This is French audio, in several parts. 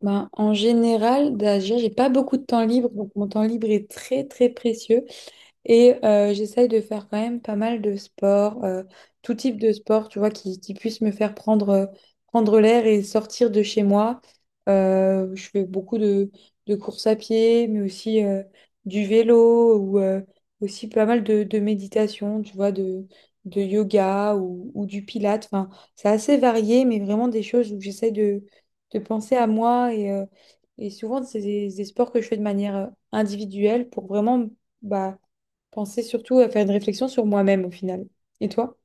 Ben, en général, déjà, j'ai pas beaucoup de temps libre, donc mon temps libre est très très précieux. Et j'essaye de faire quand même pas mal de sport, tout type de sport, tu vois, qui puisse me faire prendre l'air et sortir de chez moi. Je fais beaucoup de courses à pied, mais aussi du vélo ou aussi pas mal de méditation, tu vois, de yoga ou du pilate. Enfin, c'est assez varié, mais vraiment des choses où j'essaye de penser à moi. Et souvent, c'est des sports que je fais de manière individuelle pour vraiment ...bah, penser surtout à faire une réflexion sur moi-même au final. Et toi?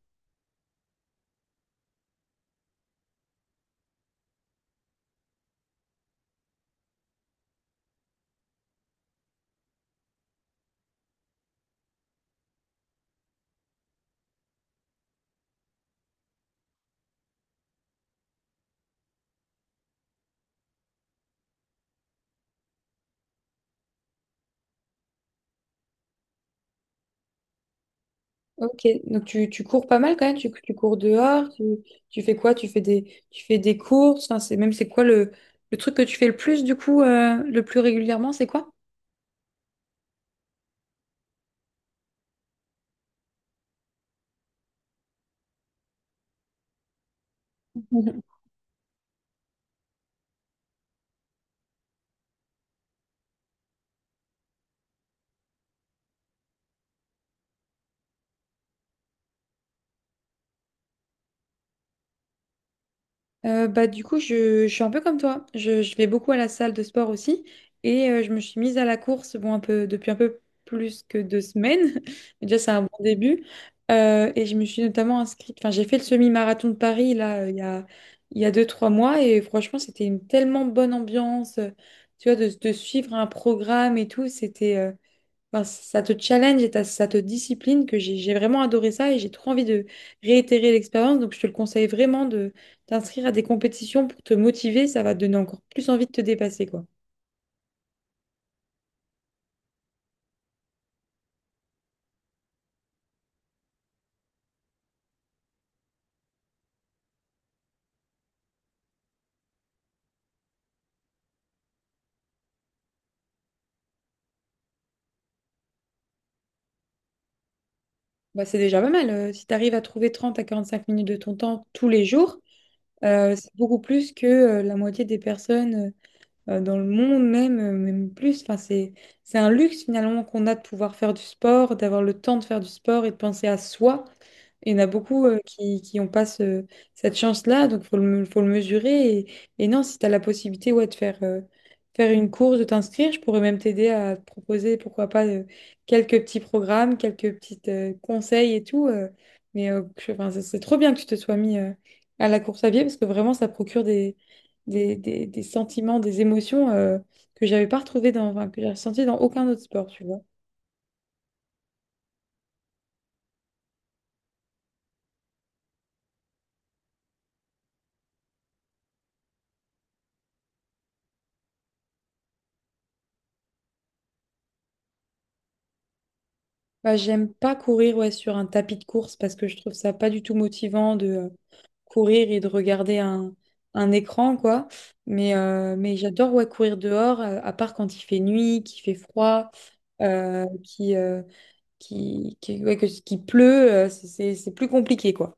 Ok, donc tu cours pas mal quand même, tu cours dehors, tu fais quoi? Tu fais des courses, enfin, c'est quoi le truc que tu fais le plus du coup, le plus régulièrement, c'est quoi? Bah, du coup, je suis un peu comme toi. Je vais beaucoup à la salle de sport aussi. Et je me suis mise à la course bon, un peu, depuis un peu plus que 2 semaines. Déjà, c'est un bon début. Et je me suis notamment inscrite. Enfin, j'ai fait le semi-marathon de Paris là, il y a deux, trois mois. Et franchement, c'était une tellement bonne ambiance, tu vois, de suivre un programme et tout. C'était. Ben, ça te challenge et ça te discipline, que j'ai vraiment adoré ça et j'ai trop envie de réitérer l'expérience. Donc, je te le conseille vraiment de t'inscrire à des compétitions pour te motiver. Ça va te donner encore plus envie de te dépasser, quoi. Bah, c'est déjà pas mal. Si tu arrives à trouver 30 à 45 minutes de ton temps tous les jours, c'est beaucoup plus que la moitié des personnes, dans le monde même, même plus. Enfin, c'est un luxe finalement qu'on a de pouvoir faire du sport, d'avoir le temps de faire du sport et de penser à soi. Il y en a beaucoup qui ont pas cette chance-là, donc faut le mesurer. Et non, si tu as la possibilité ouais, de faire une course, de t'inscrire, je pourrais même t'aider à te proposer, pourquoi pas, quelques petits programmes, quelques petits conseils et tout. Mais enfin, c'est trop bien que tu te sois mis à la course à pied parce que vraiment, ça procure des sentiments, des émotions que j'avais pas retrouvées enfin, que j'ai ressenties dans aucun autre sport, tu vois. Bah, j'aime pas courir ouais, sur un tapis de course parce que je trouve ça pas du tout motivant de courir et de regarder un écran, quoi. Mais j'adore ouais, courir dehors, à part quand il fait nuit, qu'il fait froid, euh, qui, euh, ouais, qu'il pleut, c'est plus compliqué, quoi.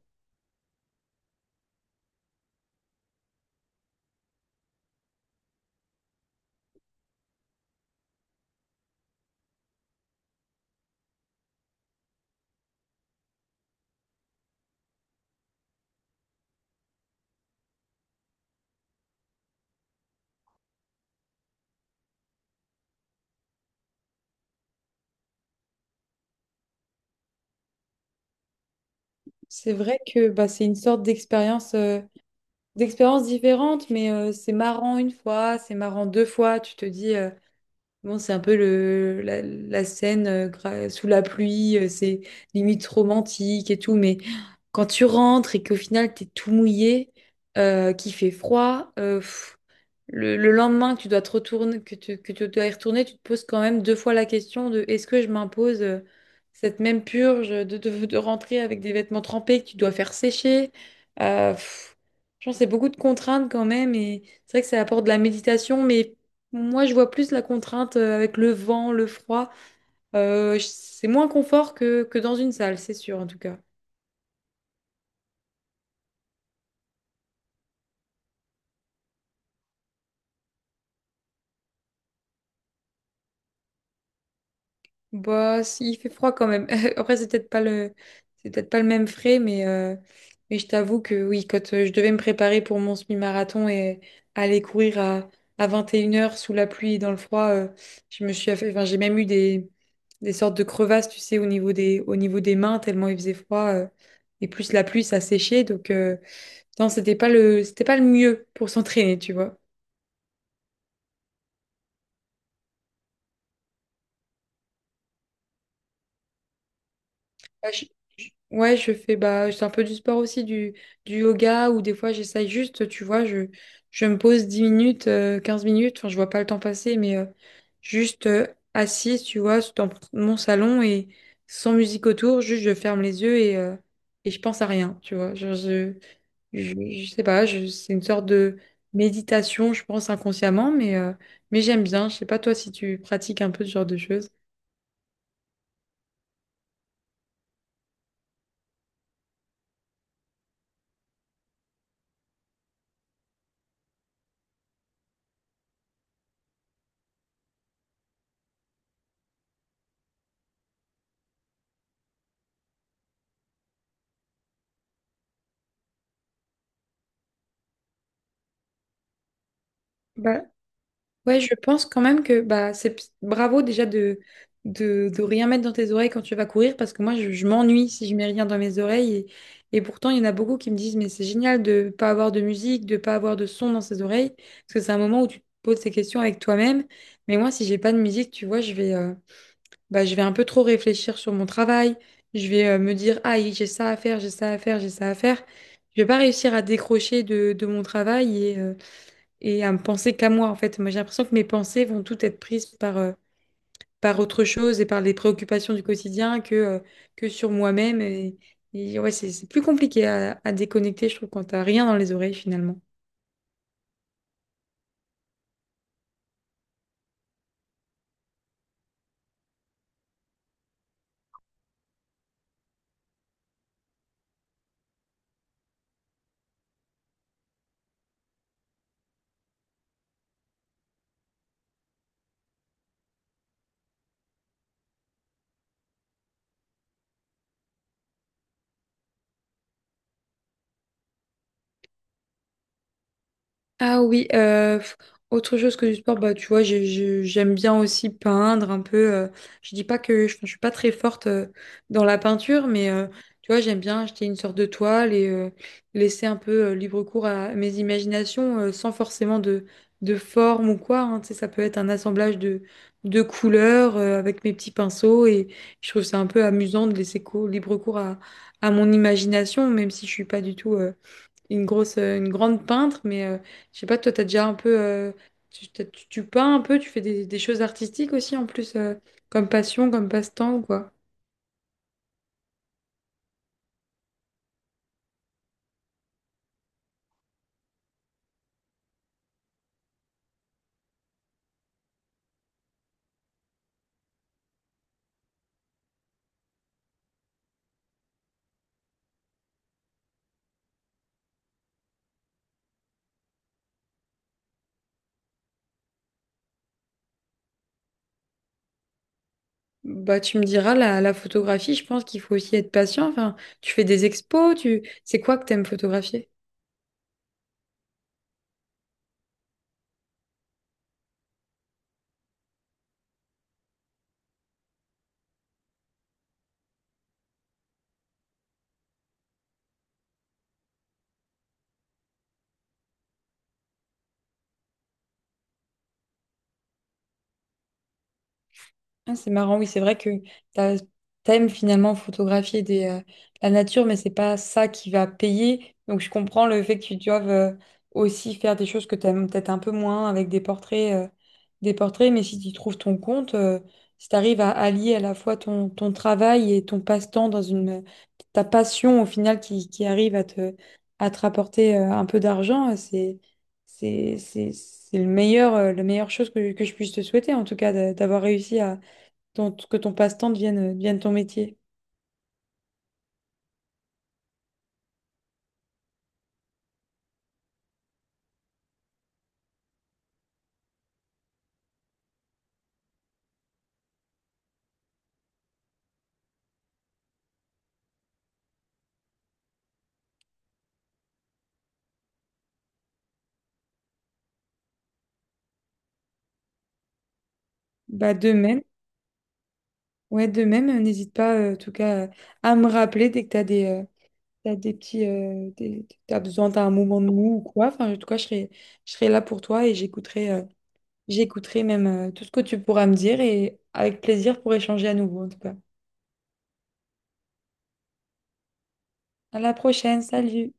C'est vrai que bah, c'est une sorte d'expérience, d'expériences différentes, mais c'est marrant une fois, c'est marrant deux fois. Tu te dis, bon, c'est un peu la scène sous la pluie, c'est limite romantique et tout, mais quand tu rentres et qu'au final, t'es tout mouillé, qu'il fait froid, le lendemain que tu dois te retourner, que tu dois y retourner, tu te poses quand même deux fois la question de est-ce que je m'impose cette même purge de rentrer avec des vêtements trempés que tu dois faire sécher. Euh, pff, je pense c'est beaucoup de contraintes quand même et c'est vrai que ça apporte de la méditation, mais moi je vois plus la contrainte avec le vent, le froid. C'est moins confort que dans une salle, c'est sûr en tout cas. Bah, si, il fait froid quand même. Après, c'est peut-être pas le même frais, mais je t'avoue que oui, quand je devais me préparer pour mon semi-marathon et aller courir à 21 heures sous la pluie et dans le froid, je me suis affa- enfin, j'ai même eu des sortes de crevasses, tu sais, au niveau au niveau des mains, tellement il faisait froid. Et plus la pluie, ça séchait. Donc, non, c'était pas le mieux pour s'entraîner, tu vois. Bah, ouais, je fais bah, c'est un peu du sport aussi, du yoga, ou des fois j'essaye juste, tu vois, je me pose 10 minutes, 15 minutes, enfin, je vois pas le temps passer, mais juste assise, tu vois, dans mon salon et sans musique autour, juste je ferme les yeux et je pense à rien, tu vois. Genre, je sais pas, c'est une sorte de méditation, je pense inconsciemment, mais j'aime bien. Je sais pas toi si tu pratiques un peu ce genre de choses. bah Ouais, je pense quand même que bah, c'est bravo déjà de rien mettre dans tes oreilles quand tu vas courir parce que moi je m'ennuie si je mets rien dans mes oreilles et pourtant il y en a beaucoup qui me disent mais c'est génial de pas avoir de musique, de pas avoir de son dans ses oreilles parce que c'est un moment où tu te poses ces questions avec toi-même. Mais moi si j'ai pas de musique tu vois je vais un peu trop réfléchir sur mon travail, je vais me dire ah j'ai ça à faire, j'ai ça à faire, j'ai ça à faire, je vais pas réussir à décrocher de mon travail et à me penser qu'à moi, en fait. Moi, j'ai l'impression que mes pensées vont toutes être prises par autre chose et par les préoccupations du quotidien que sur moi-même. Et, ouais, c'est plus compliqué à déconnecter, je trouve, quand t'as rien dans les oreilles, finalement. Ah oui, autre chose que du sport, bah tu vois, j'aime bien aussi peindre un peu. Je dis pas que je suis pas très forte dans la peinture, mais tu vois, j'aime bien acheter une sorte de toile et laisser un peu libre cours à mes imaginations sans forcément de forme ou quoi, hein. Tu sais, ça peut être un assemblage de couleurs avec mes petits pinceaux et je trouve ça un peu amusant de laisser libre cours à mon imagination, même si je suis pas du tout une grande peintre, mais je sais pas, toi, t'as déjà un peu, tu peins un peu, tu fais des choses artistiques aussi en plus, comme passion, comme passe-temps, quoi. Bah, tu me diras, la photographie, je pense qu'il faut aussi être patient. Enfin, tu fais des expos, c'est quoi que t'aimes photographier? Ah, c'est marrant, oui, c'est vrai que t'as- t'aimes finalement photographier la nature, mais c'est pas ça qui va payer. Donc je comprends le fait que tu doives aussi faire des choses que t'aimes peut-être un peu moins avec des portraits, mais si tu trouves ton compte, si tu arrives à allier à la fois ton travail et ton passe-temps dans une ta passion au final qui arrive à te, rapporter un peu d'argent, c'est la meilleure chose que je puisse te souhaiter, en tout cas, d'avoir réussi que ton passe-temps devienne, devienne ton métier. Bah, de même, ouais, de même, n'hésite pas en tout cas à me rappeler dès que tu as t'as des petits, t'as besoin, t'as un moment de mou ou quoi. Enfin, en tout cas, je serai là pour toi et j'écouterai même tout ce que tu pourras me dire et avec plaisir pour échanger à nouveau en tout cas. À la prochaine, salut!